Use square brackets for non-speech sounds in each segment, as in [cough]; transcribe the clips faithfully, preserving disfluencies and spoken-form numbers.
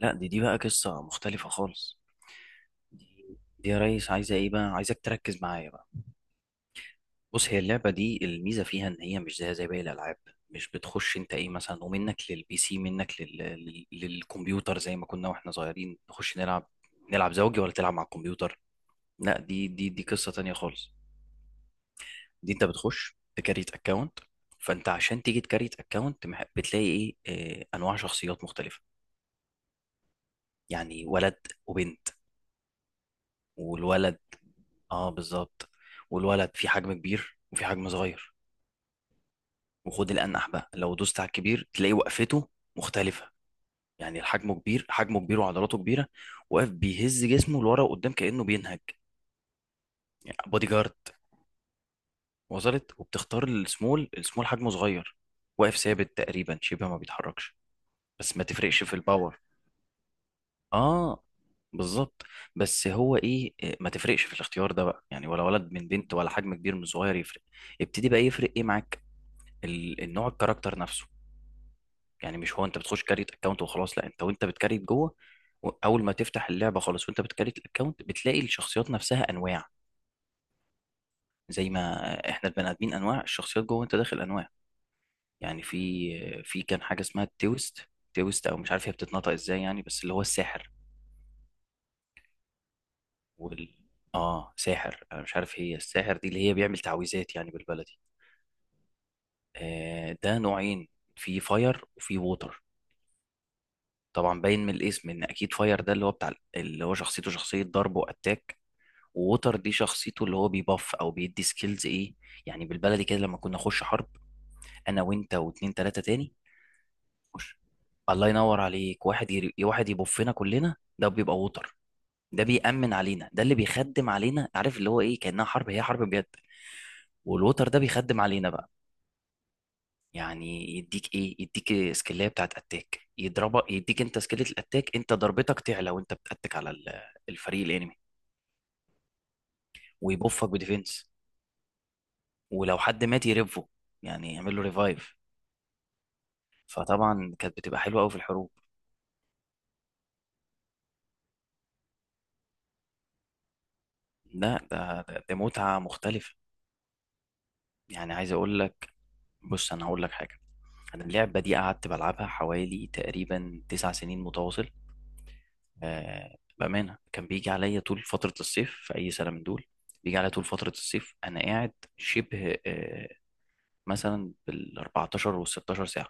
لا، دي دي بقى قصة مختلفة خالص. دي دي يا ريس عايزة ايه بقى، عايزك تركز معايا بقى. بص، هي اللعبة دي الميزة فيها ان هي مش زيها زي باقي الالعاب. مش بتخش انت ايه مثلا ومنك للبي سي، منك لل... لل- للكمبيوتر زي ما كنا واحنا صغيرين نخش نلعب، نلعب زوجي ولا تلعب مع الكمبيوتر. لا، دي دي دي قصة تانية خالص. دي انت بتخش تكريت اكونت، فانت عشان تيجي تكريت اكونت بتلاقي ايه آه، انواع شخصيات مختلفة. يعني ولد وبنت والولد، اه بالظبط. والولد في حجم كبير وفي حجم صغير. وخد الانح بقى، لو دوست على الكبير تلاقي وقفته مختلفه. يعني الحجم كبير، حجمه كبير وعضلاته كبيره، واقف بيهز جسمه لورا وقدام كانه بينهج. يعني بودي جارد. وصلت؟ وبتختار السمول، السمول حجمه صغير، واقف ثابت تقريبا شبه ما بيتحركش، بس ما تفرقش في الباور. اه بالظبط. بس هو ايه إيه، ما تفرقش في الاختيار ده بقى، يعني ولا ولد من بنت ولا حجم كبير من صغير يفرق. ابتدي بقى يفرق ايه معاك، ال- النوع، الكاركتر نفسه. يعني مش هو انت بتخش كاريت اكونت وخلاص، لا، انت وانت بتكاريت جوه، و- اول ما تفتح اللعبه خالص وانت بتكاريت الاكونت بتلاقي الشخصيات نفسها انواع، زي ما احنا البني ادمين انواع، الشخصيات جوه انت داخل انواع. يعني في في كان حاجه اسمها التويست، تويست او مش عارف هي بتتنطق ازاي، يعني بس اللي هو الساحر. وال اه ساحر، انا مش عارف هي الساحر دي اللي هي بيعمل تعويذات يعني بالبلدي. آه، ده نوعين، في فاير وفي ووتر. طبعا باين من الاسم ان اكيد فاير ده اللي هو بتاع ال- اللي هو شخصيته، شخصيه ضرب واتاك. ووتر دي شخصيته اللي هو بيباف او بيدي سكيلز ايه، يعني بالبلدي كده لما كنا نخش حرب، انا وانت واتنين تلاته تاني، خش. الله ينور عليك، واحد ير... واحد يبفنا كلنا ده بيبقى ووتر. ده بيأمن علينا، ده اللي بيخدم علينا، عارف اللي هو ايه، كأنها حرب، هي حرب بجد. والووتر ده بيخدم علينا بقى، يعني يديك ايه، يديك سكيلية بتاعت اتاك يضربك، يديك انت سكيلة الاتاك انت ضربتك تعلى وانت بتاتك على ال- الفريق الانمي. ويبوفك بديفنس، ولو حد مات يرفه، يعني يعمل له ريفايف. فطبعا كانت بتبقى حلوه قوي في الحروب. لا، ده ده ده متعة مختلفة. يعني عايز اقول لك، بص انا هقول لك حاجة. انا اللعبة دي قعدت بلعبها حوالي تقريبا تسع سنين متواصل. آه، بأمانة كان بيجي عليا طول فترة الصيف في أي سنة من دول. بيجي عليا طول فترة الصيف أنا قاعد شبه آه، مثلا بال اربعتاشر وال ستاشر ساعة.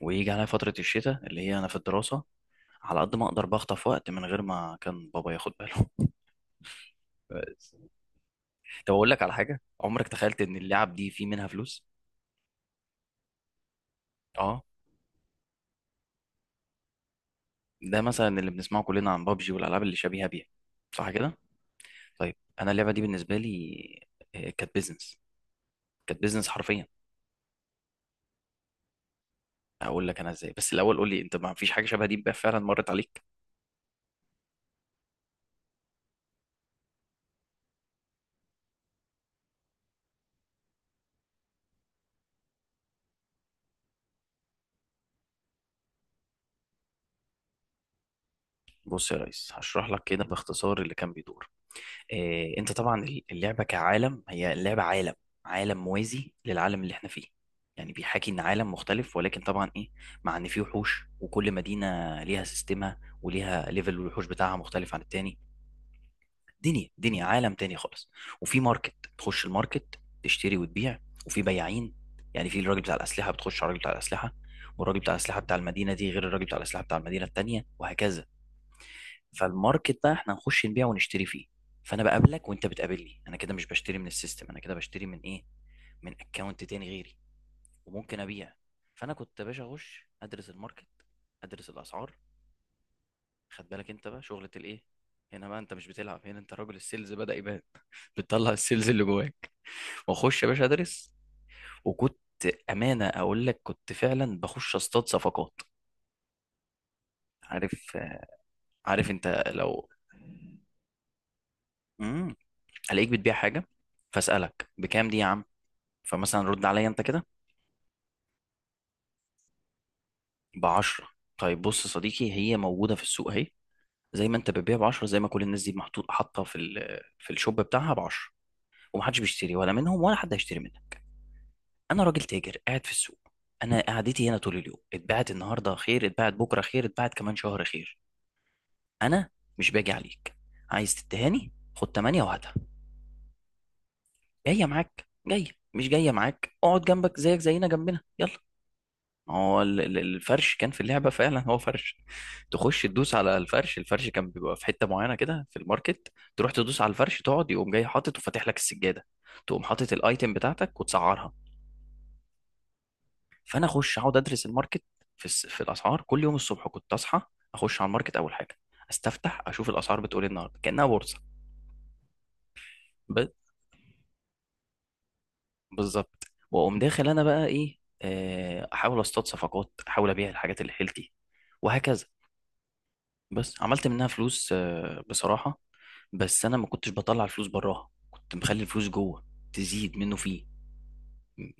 ويجي عليا فترة الشتاء اللي هي أنا في الدراسة، على قد ما أقدر بخطف وقت من غير ما كان بابا ياخد باله. [laughs] بس. طب أقول لك على حاجة، عمرك تخيلت إن اللعب دي في منها فلوس؟ أه، ده مثلا اللي بنسمعه كلنا عن بابجي والألعاب اللي شبيهة بيها، صح كده؟ طيب. أنا اللعبة دي بالنسبة لي آه، كانت بيزنس، كانت بيزنس حرفيا. هقول لك انا ازاي، بس الاول قول لي انت، ما فيش حاجه شبه دي بقى فعلا مرت عليك؟ بص يا ريس هشرح لك كده باختصار اللي كان بيدور إيه. انت طبعا اللعبه كعالم، هي اللعبه عالم، عالم موازي للعالم اللي احنا فيه، يعني بيحاكي ان عالم مختلف، ولكن طبعا ايه، مع ان فيه وحوش، وكل مدينه ليها سيستمها وليها ليفل الوحوش بتاعها مختلف عن التاني. دنيا، دنيا، عالم تاني خالص. وفي ماركت، تخش الماركت تشتري وتبيع، وفي بياعين. يعني في الراجل بتاع الأسلحة، بتخش على الراجل بتاع الأسلحة. والراجل بتاع الأسلحة بتاع المدينة دي غير الراجل بتاع الأسلحة بتاع المدينة التانية، وهكذا. فالماركت بقى احنا نخش نبيع ونشتري فيه. فأنا بقابلك وأنت بتقابلني، أنا كده مش بشتري من السيستم، أنا كده بشتري من إيه، من أكونت تاني غيري، وممكن أبيع. فأنا كنت يا باشا أخش أدرس الماركت، أدرس الأسعار. خد بالك أنت بقى، شغلة الإيه هنا بقى، أنت مش بتلعب هنا، أنت راجل السيلز بدأ يبان، بتطلع السيلز اللي جواك. واخش يا باشا ادرس. وكنت امانه اقول لك كنت فعلا بخش اصطاد صفقات. عارف، عارف انت لو امم الاقيك بتبيع حاجه، فاسالك بكام دي يا عم. فمثلا رد عليا انت كده ب عشرة. طيب بص يا صديقي، هي موجوده في السوق اهي، زي ما انت بتبيع ب عشرة زي ما كل الناس دي محطوط، حاطه في ال- في الشوب بتاعها ب عشرة، ومحدش بيشتري ولا منهم، ولا حد هيشتري منها. انا راجل تاجر قاعد في السوق، انا قعدتي هنا طول اليوم، اتباعت النهارده خير، اتباعت بكره خير، اتباعت كمان شهر خير. انا مش باجي عليك. عايز تتهاني خد ثمانية وهاتها، جايه معاك جايه، مش جايه معاك اقعد جنبك، زيك زينا جنبنا، يلا. ما هو ال- ال- الفرش كان في اللعبه فعلا، هو فرش. تخش تدوس على الفرش، الفرش كان بيبقى في حته معينه كده في الماركت، تروح تدوس على الفرش تقعد، يقوم جاي حاطط وفاتح لك السجاده، تقوم حاطط الايتم بتاعتك وتسعرها. فانا اخش اقعد ادرس الماركت في الس- في الاسعار. كل يوم الصبح كنت اصحى اخش على الماركت اول حاجه استفتح اشوف الاسعار بتقول ايه النهارده، كانها بورصه. ب- بالظبط. واقوم داخل انا بقى ايه آه، احاول اصطاد صفقات، احاول ابيع الحاجات اللي حيلتي، وهكذا. بس عملت منها فلوس آه، بصراحه، بس انا ما كنتش بطلع الفلوس براها، كنت مخلي الفلوس جوه تزيد منه فيه،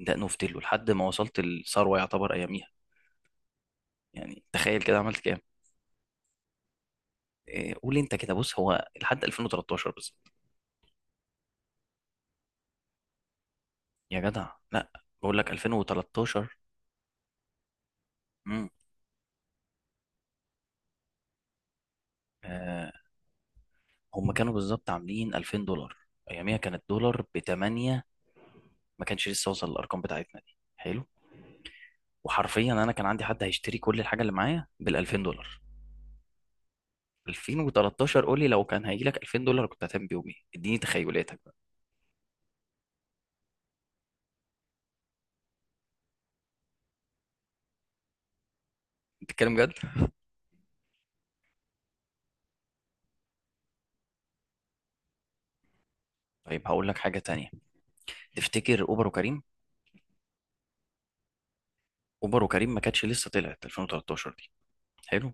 دقنه في تله لحد ما وصلت الثروه يعتبر اياميها. يعني تخيل كده عملت كام؟ إيه، قول لي انت كده. بص هو لحد الفين وتلتاشر بس. يا جدع لا، بقول لك الفين وثلاثة عشر. امم آه، هم كانوا بالظبط عاملين الفين دولار. اياميها كان الدولار ب ثمانية، ما كانش لسه وصل للارقام بتاعتنا دي، حلو. وحرفيا انا كان عندي حد هيشتري كل الحاجه اللي معايا بال الفين دولار. الفين وتلتاشر، قول لي لو كان هيجي لك الفين دولار كنت هتعمل بيهم ايه، اديني تخيلاتك بقى. بتتكلم جد؟ طيب هقول لك حاجه تانية. تفتكر اوبر وكريم؟ اوبر وكريم ما كانتش لسه طلعت الفين وثلاثة عشر، حلو.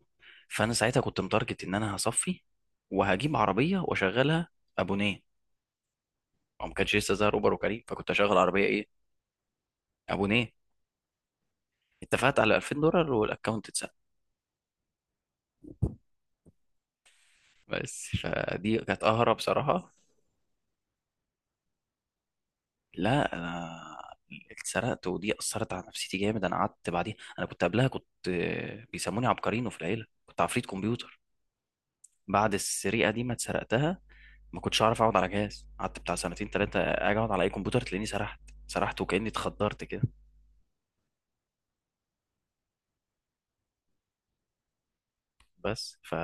فانا ساعتها كنت متارجت ان انا هصفي وهجيب عربيه واشغلها ابونيه، او ما كانش لسه ظهر اوبر وكريم، فكنت اشغل عربيه ايه، ابونيه. اتفقت على الفين دولار والاكونت اتسرق. بس فدي كانت اهرب بصراحه. لا انا اتسرقت، ودي اثرت على نفسيتي جامد. انا قعدت بعديها، انا كنت قبلها كنت آه، بيسموني عبقرينو في العيله، كنت عفريت كمبيوتر. بعد السرقه دي ما اتسرقتها، ما كنتش اعرف اقعد على جهاز، قعدت بتاع سنتين ثلاثه اجي اقعد على اي كمبيوتر تلاقيني سرحت، سرحت وكاني اتخدرت كده. بس ف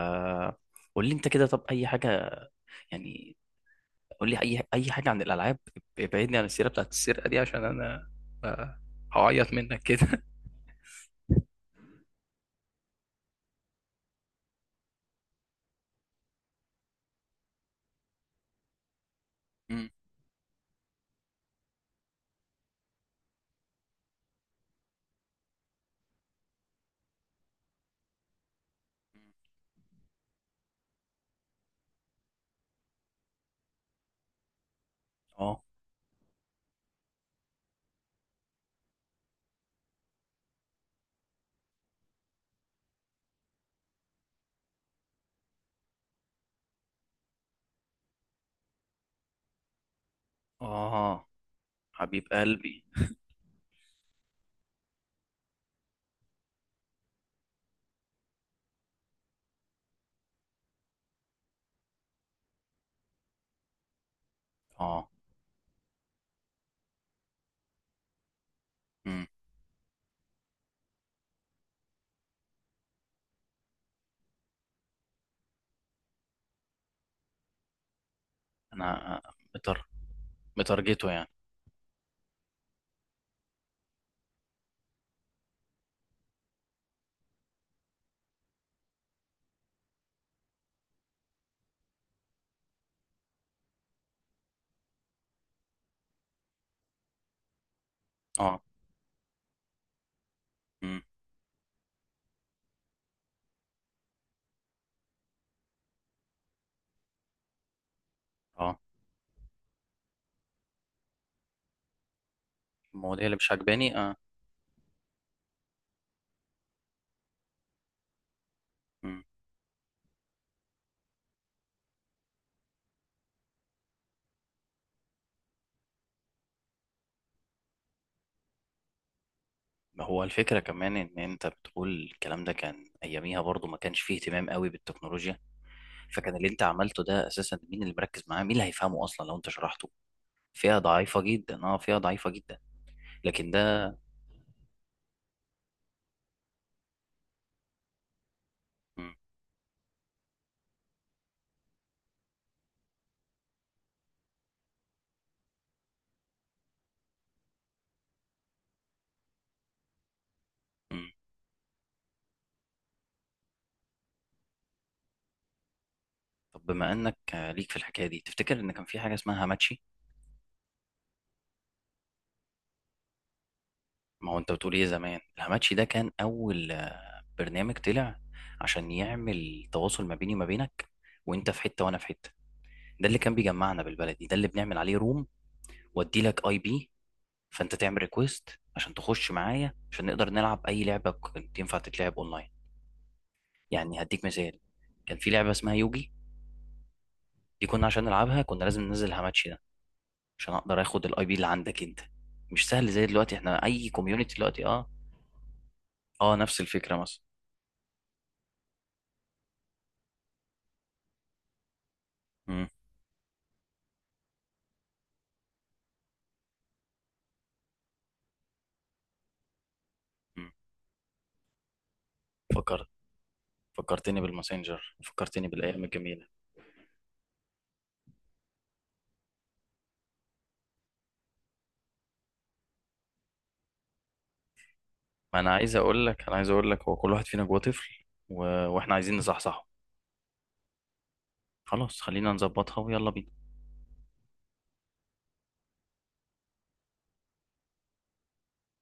قول لي انت كده، طب اي حاجه يعني، قول لي اي اي حاجه عن الالعاب، ابعدني عن السيره بتاعت السرقه دي، عشان انا آه، هعيط منك كده. [laughs] مم. اه. اه، حبيب قلبي. اه. مم. انا متر مترجته يعني. اه. مم. اه، المواضيع اللي مش عجباني، اه. مم. ما هو الفكره كمان ان انت بتقول الكلام ده كان اياميها، برضو ما كانش فيه اهتمام قوي بالتكنولوجيا، فكان اللي انت عملته ده اساسا مين اللي مركز معاه، مين اللي هيفهمه اصلا لو انت شرحته، فئة ضعيفة جدا، اه فئة ضعيفة جدا. لكن ده، مم. مم. طب بما انك آه، ليك في الحكاية دي، تفتكر ان كان في حاجة اسمها هاماتشي؟ ما هو انت بتقول ايه، زمان الهاماتشي ده كان اول آه، برنامج طلع عشان يعمل تواصل ما بيني وما بينك، وانت في حتة وانا في حتة. ده اللي كان بيجمعنا، بالبلدي ده اللي بنعمل عليه روم، وادي لك اي بي، فانت تعمل ريكويست عشان تخش معايا، عشان نقدر نلعب اي لعبة كنت ينفع تتلعب اونلاين. يعني هديك مثال، كان في لعبة اسمها يوجي. دي كنا عشان نلعبها كنا لازم ننزل هاماتشي ده، عشان اقدر اخد الاي بي اللي عندك انت، مش سهل زي دلوقتي احنا اي كوميونتي دلوقتي، اه. اه نفس الفكره مثلا. امم. أمم. فكرت، فكرتني بالماسنجر، فكرتني بالايام الجميله. ما انا عايز اقول لك، انا عايز اقول لك هو كل واحد فينا جواه طفل و... واحنا عايزين نصحصحه. خلاص خلينا نظبطها، ويلا بينا.